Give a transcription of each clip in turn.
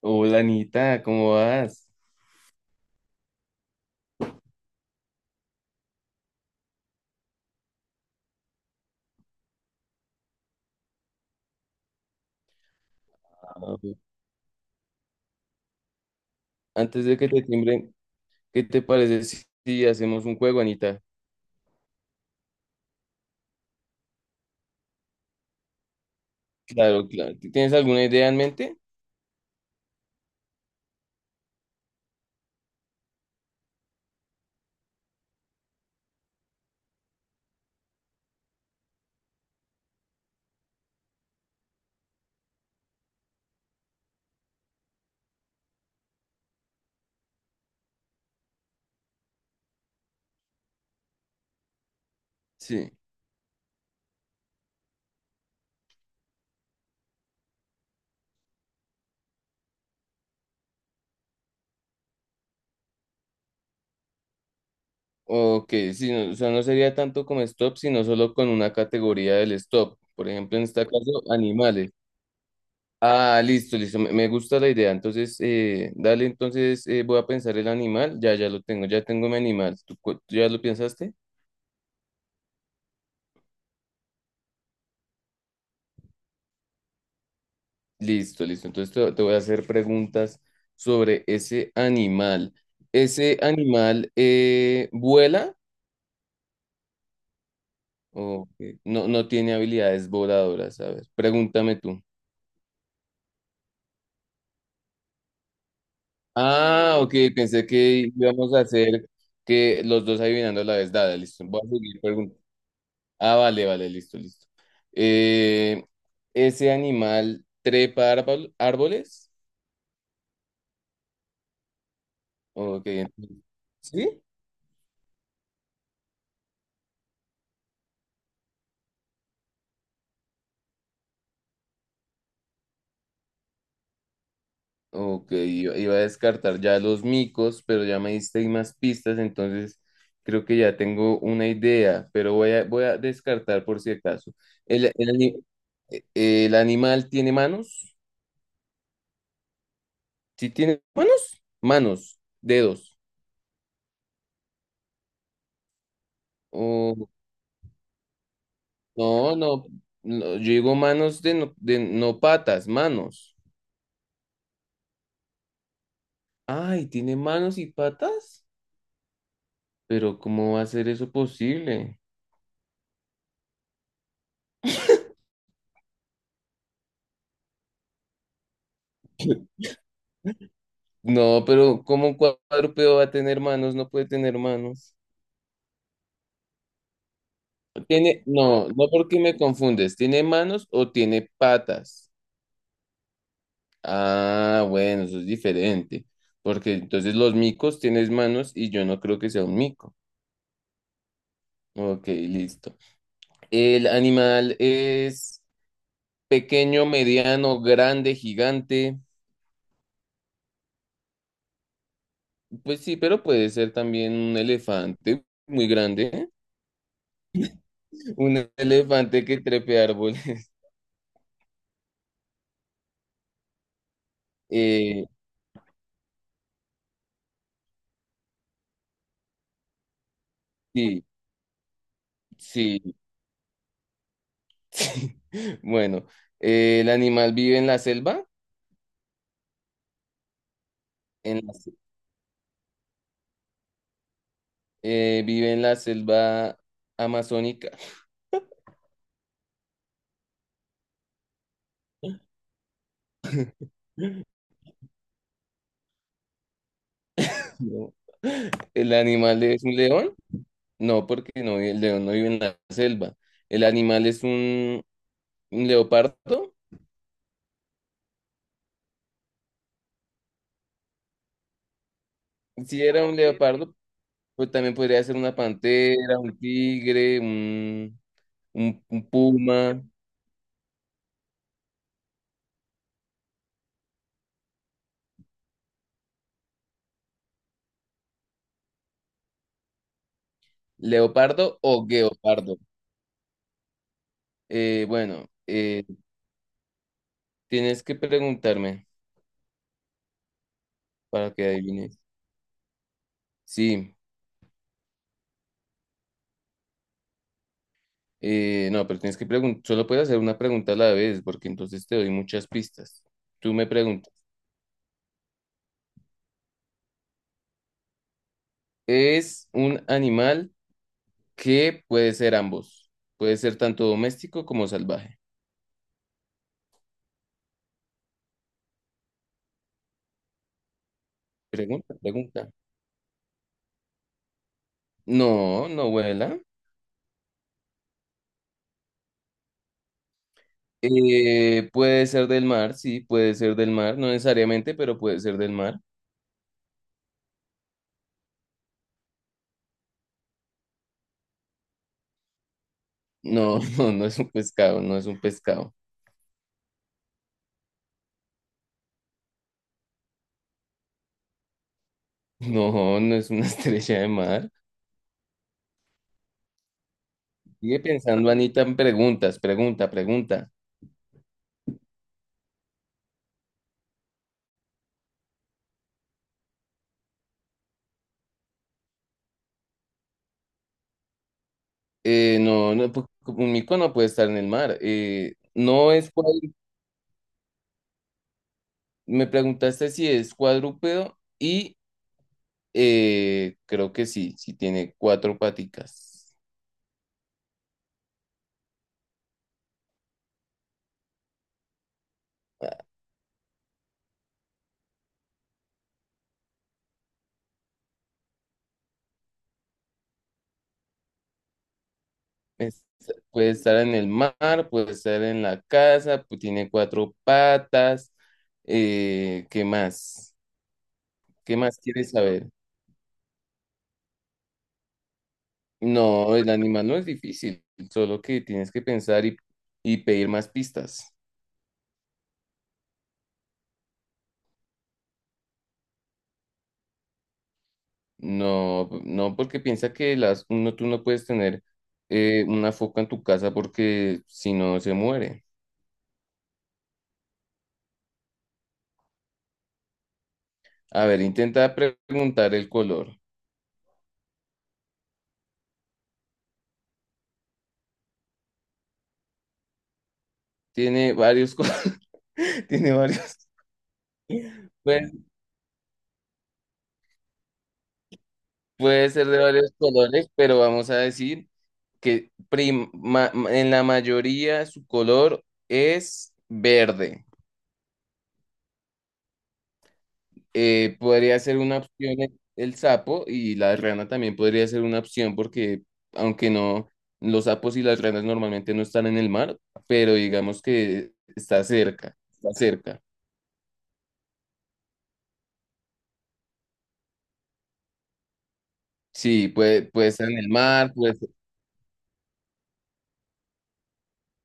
Hola Anita, ¿cómo vas? Ah, Antes de que te timbren, ¿qué te parece si hacemos un juego, Anita? Claro, claro. ¿Tienes alguna idea en mente? Sí. Ok, sí, no, o sea, no sería tanto como stop, sino solo con una categoría del stop. Por ejemplo, en este caso, animales. Ah, listo, listo. Me gusta la idea. Entonces, dale, entonces voy a pensar el animal. Ya, ya lo tengo, ya tengo mi animal. ¿Tú, tú ya lo pensaste? Listo, listo. Entonces te voy a hacer preguntas sobre ese animal. ¿Ese animal vuela o qué? ¿No, no tiene habilidades voladoras? A ver, pregúntame tú. Ah, ok, pensé que íbamos a hacer que los dos adivinando a la vez. Dale, listo. Voy a seguir preguntando. Ah, vale, vale, listo, listo. Eh, ¿Ese animal trepa árboles? Ok, ¿sí? Ok, iba a descartar ya los micos, pero ya me diste ahí más pistas, entonces creo que ya tengo una idea, pero voy voy a descartar por si acaso. ¿El, el, ani- eh, el animal tiene manos? ¿Sí tiene manos? Manos, dedos. O no, no, no, yo digo manos de no patas, manos. Ay, ¿tiene manos y patas? Pero ¿cómo va a ser eso posible? No, pero ¿cómo un cuadrúpedo va a tener manos? No puede tener manos. No, no porque me confundes. ¿Tiene manos o tiene patas? Ah, bueno, eso es diferente. Porque entonces los micos tienes manos y yo no creo que sea un mico. Ok, listo. El animal es pequeño, mediano, grande, gigante. Pues sí, pero puede ser también un elefante muy grande. Un elefante que trepe árboles. Eh, sí. Sí, Sí. Bueno, el animal vive en la selva, en la se- vive en la selva amazónica. No. ¿El animal es un león? No, porque no, el león no vive en la selva. ¿El animal es un leopardo? Si era un leopardo, pues también podría ser una pantera, un tigre, un puma, leopardo o guepardo. Bueno, tienes que preguntarme para que adivines. Sí, no, pero tienes que preguntar, solo puedes hacer una pregunta a la vez, porque entonces te doy muchas pistas. Tú me preguntas, ¿es un animal que puede ser ambos? Puede ser tanto doméstico como salvaje. Pregunta, pregunta. No, no vuela. Puede ser del mar, sí, puede ser del mar, no necesariamente, pero puede ser del mar. No, no, no es un pescado, no es un pescado. No, no es una estrella de mar. Sigue pensando, Anita, en preguntas, pregunta, pregunta. No, no, un mico no puede estar en el mar. No es cuadru- me preguntaste si es cuadrúpedo y creo que sí, sí tiene cuatro paticas. Es- puede estar en el mar, puede estar en la casa, pues tiene cuatro patas. ¿Qué más? ¿Qué más quieres saber? No, el animal no es difícil, solo que tienes que pensar y pedir más pistas. No, no, porque piensa que las, uno, tú no puedes tener una foca en tu casa porque si no se muere. A ver, intenta preguntar el color. Tiene varios colores, tiene varios, puede, puede ser de varios colores, pero vamos a decir que en la mayoría su color es verde. Podría ser una opción el sapo y la rana también podría ser una opción porque aunque no, los sapos y las ranas normalmente no están en el mar, pero digamos que está cerca, está cerca. Sí, puede, puede estar en el mar, pues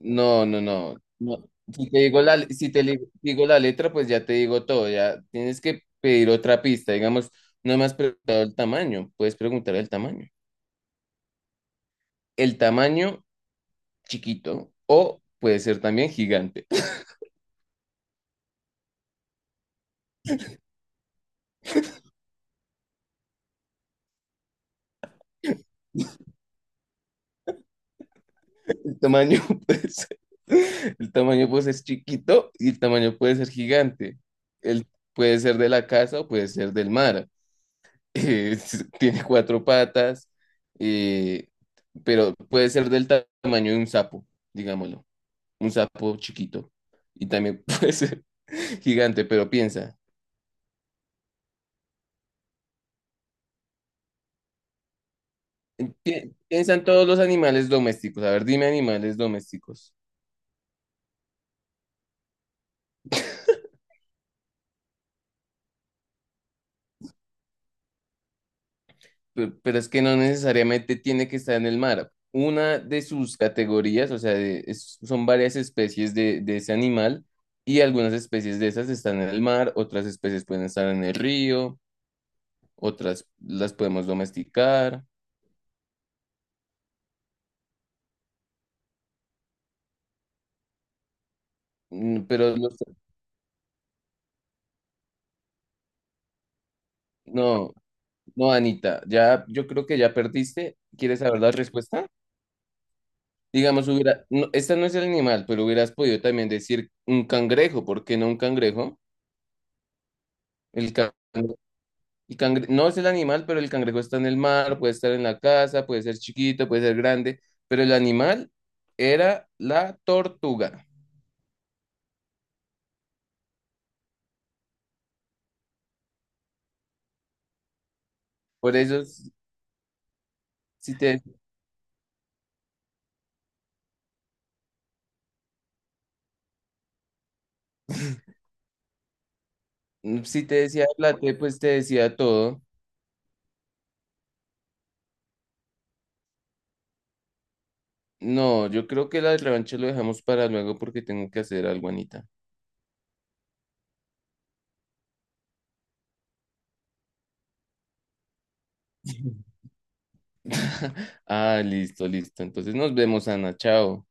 no, no, no, no. Si te digo si te li- digo la letra, pues ya te digo todo, ya tienes que pedir otra pista, digamos, no me has preguntado el tamaño, puedes preguntar el tamaño. El tamaño chiquito o puede ser también gigante. El tamaño puede ser, el tamaño puede ser chiquito y el tamaño puede ser gigante. El, puede ser de la casa o puede ser del mar. Tiene cuatro patas, eh, pero puede ser del tamaño de un sapo, digámoslo. Un sapo chiquito. Y también puede ser gigante, pero piensa. Piensa en todos los animales domésticos. A ver, dime animales domésticos. Pero es que no necesariamente tiene que estar en el mar. Una de sus categorías, o sea, son varias especies de ese animal y algunas especies de esas están en el mar, otras especies pueden estar en el río, otras las podemos domesticar. Mm, pero los- no, no, Anita, ya yo creo que ya perdiste. ¿Quieres saber la respuesta? Digamos, hubiera, no, esta no es el animal, pero hubieras podido también decir un cangrejo, ¿por qué no un cangrejo? El cangrejo. No es el animal, pero el cangrejo está en el mar, puede estar en la casa, puede ser chiquito, puede ser grande, pero el animal era la tortuga. Por eso, si te, si te decía la pues te decía todo. No, yo creo que la del revancha lo dejamos para luego porque tengo que hacer algo, Anita. Ah, listo, listo. Entonces nos vemos, Ana. Chao.